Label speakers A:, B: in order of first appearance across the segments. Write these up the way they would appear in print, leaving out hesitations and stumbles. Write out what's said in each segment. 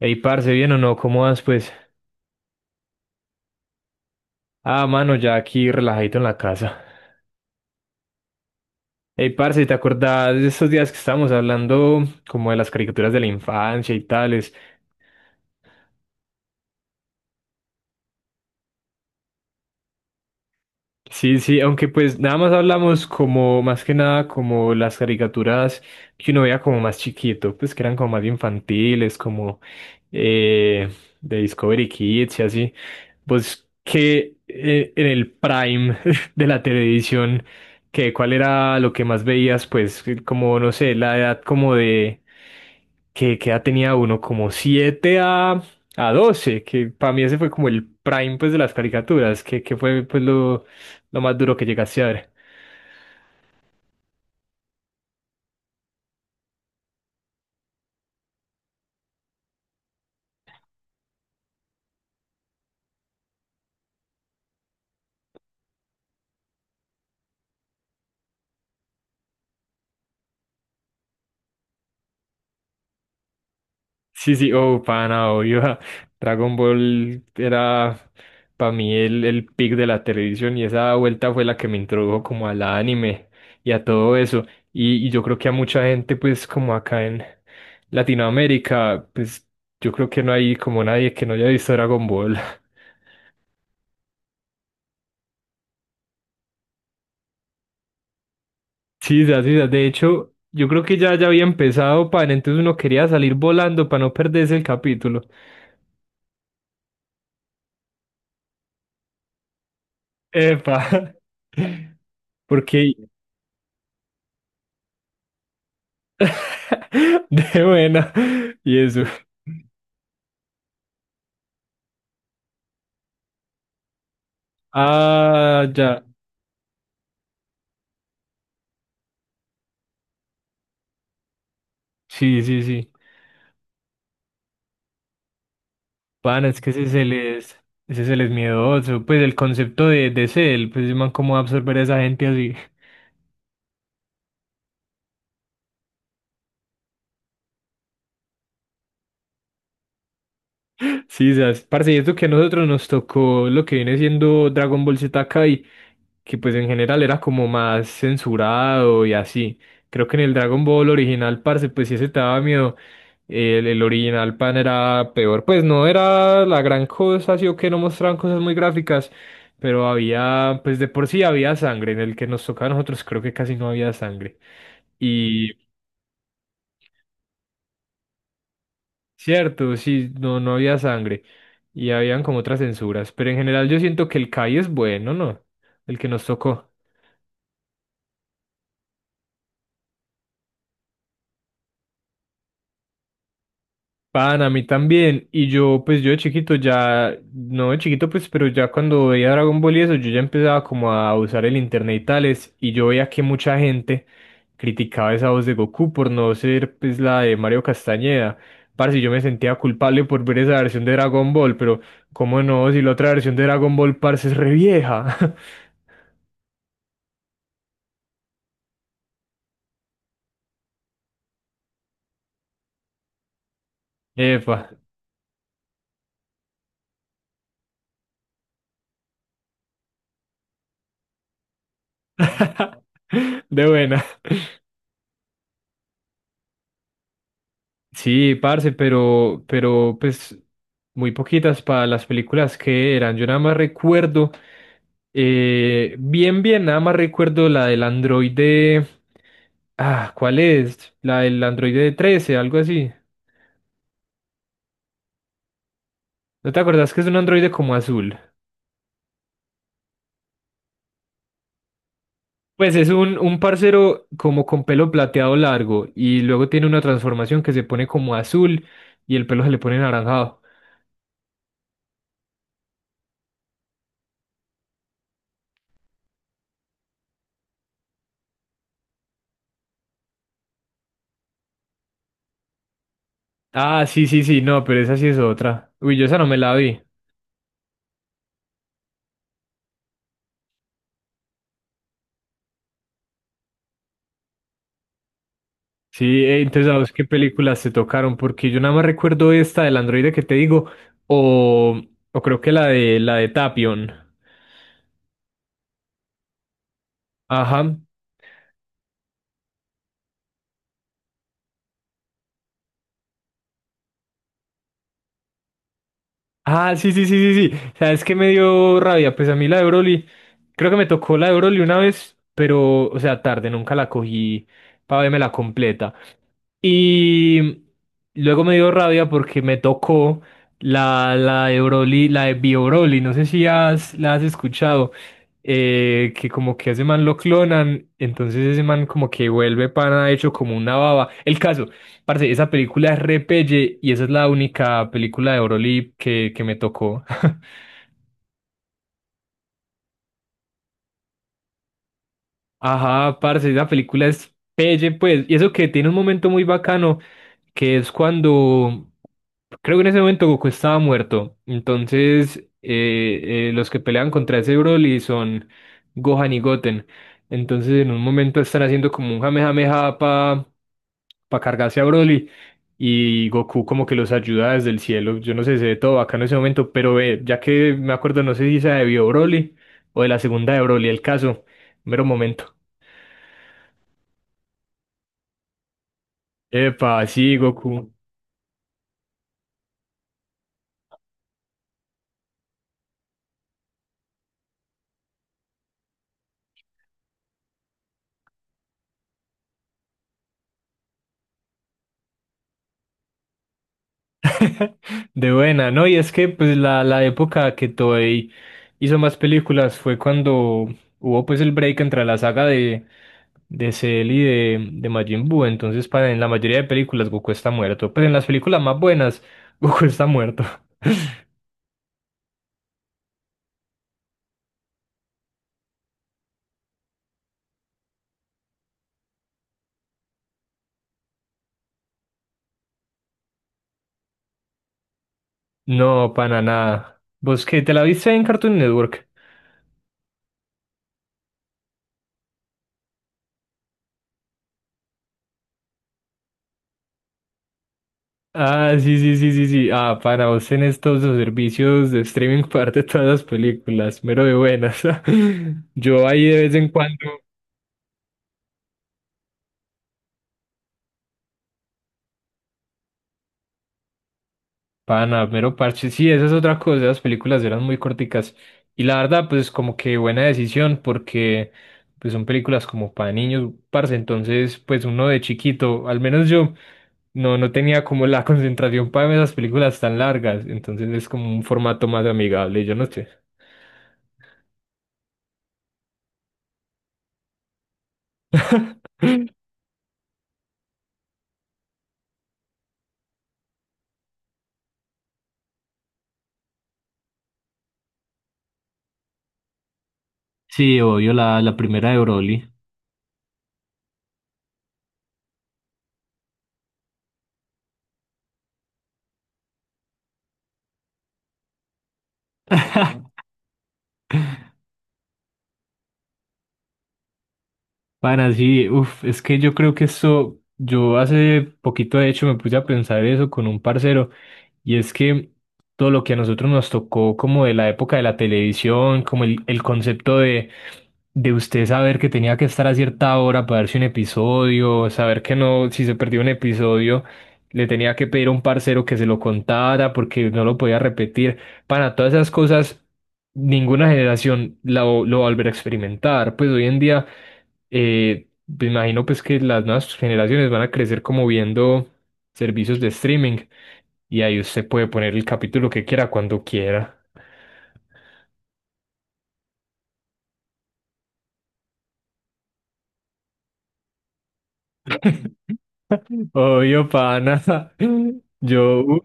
A: Ey, parce, ¿bien o no? ¿Cómo vas, pues? Ah, mano, ya aquí relajadito en la casa. Ey, parce, ¿te acordás de esos días que estábamos hablando como de las caricaturas de la infancia y tal? Sí, sí, aunque pues nada más hablamos como, más que nada, como las caricaturas que uno veía como más chiquito, pues que eran como más infantiles, como eh, de Discovery Kids y así. Pues que en el prime de la televisión, que cuál era lo que más veías, pues que como, no sé, la edad como de, que edad tenía uno, como 7 a 12, que para mí ese fue como el prime pues de las caricaturas, que fue pues lo más duro que llegaste a ver. Sí, sí, oh, pana, obvio. ja. Dragon Ball era para mí el pick de la televisión y esa vuelta fue la que me introdujo como al anime y a todo eso. Y yo creo que a mucha gente, pues como acá en Latinoamérica, pues yo creo que no hay como nadie que no haya visto Dragon Ball. Sí, sí, sí, de hecho, yo creo que ya había empezado, pan, entonces uno quería salir volando para no perderse el capítulo. Epa. Porque de buena. Y eso. Ah, ya. Sí, sí, sí. Pana, es que ese se les miedoso. Pues el concepto de cel, pues man, cómo va a absorber a esa gente así. Sí, sabes. Parce, y esto que a nosotros nos tocó lo que viene siendo Dragon Ball Z que pues en general era como más censurado y así. Creo que en el Dragon Ball original, parce, pues si ese te daba miedo, el original pan era peor. Pues no era la gran cosa, sí o que no mostraban cosas muy gráficas, pero había, pues de por sí había sangre. En el que nos tocaba a nosotros creo que casi no había sangre. Y cierto, sí, no, no había sangre. Y habían como otras censuras. Pero en general yo siento que el Kai es bueno, ¿no? El que nos tocó. Pan, a mí también. Y yo, pues yo de chiquito ya, no de chiquito, pues, pero ya cuando veía Dragon Ball y eso, yo ya empezaba como a usar el internet y tales, y yo veía que mucha gente criticaba esa voz de Goku por no ser, pues, la de Mario Castañeda. Parce, yo me sentía culpable por ver esa versión de Dragon Ball, pero ¿cómo no? Si la otra versión de Dragon Ball, parce, es re vieja. Epa. De buena. Sí, parce, pero pues muy poquitas para las películas que eran. Yo nada más recuerdo, bien, nada más recuerdo la del androide. Ah, ¿cuál es? La del androide 13, algo así. ¿No te acordás que es un androide como azul? Pues es un parcero como con pelo plateado largo y luego tiene una transformación que se pone como azul y el pelo se le pone naranjado. Ah, sí, sí, sí, no, pero esa sí es otra. Uy, yo esa no me la vi. Sí, entonces a vos qué películas se tocaron, porque yo nada más recuerdo esta del androide que te digo, o, o creo que la de Tapion. Ajá. Ah, sí, sí, sí, sí, sí. ¿Sabes qué me dio rabia? Pues a mí la de Broly, creo que me tocó la de Broly una vez, pero, o sea, tarde, nunca la cogí para verme la completa. Y luego me dio rabia porque me tocó la de Broly, la de Bio Broly, no sé si la has escuchado, que como que a ese man lo clonan, entonces ese man como que vuelve pana hecho como una baba. El caso, parce, esa película es repelle y esa es la única película de Broly que me tocó. Ajá, parce, esa película es pelle, pues, y eso que tiene un momento muy bacano que es cuando, creo que en ese momento Goku estaba muerto, entonces los que pelean contra ese Broly son Gohan y Goten, entonces en un momento están haciendo como un jamejameja para cargarse a Broly y Goku como que los ayuda desde el cielo, yo no sé, se ve todo acá en ese momento, pero ve ya que me acuerdo, no sé si se debió Broly o de la segunda de Broly, el caso, mero momento. Epa, sí, Goku. De buena, ¿no? Y es que pues la época que Toei hizo más películas fue cuando hubo pues el break entre la saga de Cell y de Majin Buu. Entonces, para, en la mayoría de películas Goku está muerto. Pero en las películas más buenas, Goku está muerto. No, para nada. ¿Vos qué? ¿Te la viste en Cartoon Network? Ah, sí, sí, sí, sí, sí. Ah, para vos tenés todos los servicios de streaming parte de todas las películas, mero de buenas. Yo ahí de vez en cuando. Pana, mero parche. Sí, esa es otra cosa. Las películas eran muy corticas. Y la verdad, pues como que buena decisión, porque pues son películas como para niños, parce. Entonces, pues uno de chiquito, al menos yo, no tenía como la concentración para ver esas películas tan largas. Entonces es como un formato más amigable, yo no sé. Sí, obvio, la primera de Broly. Bueno, sí, uf, es que yo creo que esto, yo hace poquito de hecho me puse a pensar eso con un parcero, y es que todo lo que a nosotros nos tocó como de la época de la televisión, como el concepto de usted saber que tenía que estar a cierta hora para verse un episodio, saber que no, si se perdió un episodio, le tenía que pedir a un parcero que se lo contara porque no lo podía repetir, para todas esas cosas ninguna generación lo va a volver a experimentar. Pues hoy en día, me imagino pues que las nuevas generaciones van a crecer como viendo servicios de streaming y ahí usted puede poner el capítulo que quiera cuando quiera. Obvio, pana. Yo,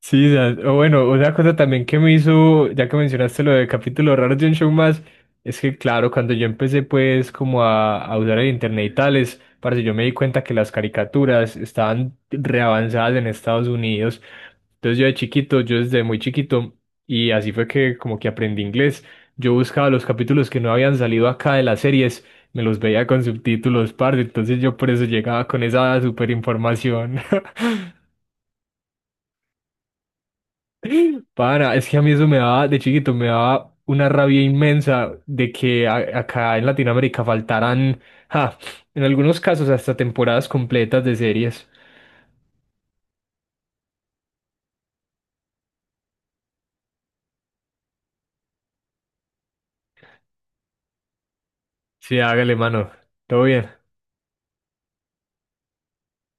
A: sí, o sea, o bueno, otra cosa también que me hizo, ya que mencionaste lo de capítulos raros de un show más, es que claro, cuando yo empecé pues como a usar el internet y tales, parce, yo me di cuenta que las caricaturas estaban reavanzadas en Estados Unidos. Entonces yo de chiquito, yo desde muy chiquito, y así fue que como que aprendí inglés, yo buscaba los capítulos que no habían salido acá de las series, me los veía con subtítulos, parce, entonces yo por eso llegaba con esa super información. Para es que a mí eso me daba, de chiquito, me daba una rabia inmensa de que a- acá en Latinoamérica faltaran, ja, en algunos casos hasta temporadas completas de series. Sí, hágale, mano. Todo bien.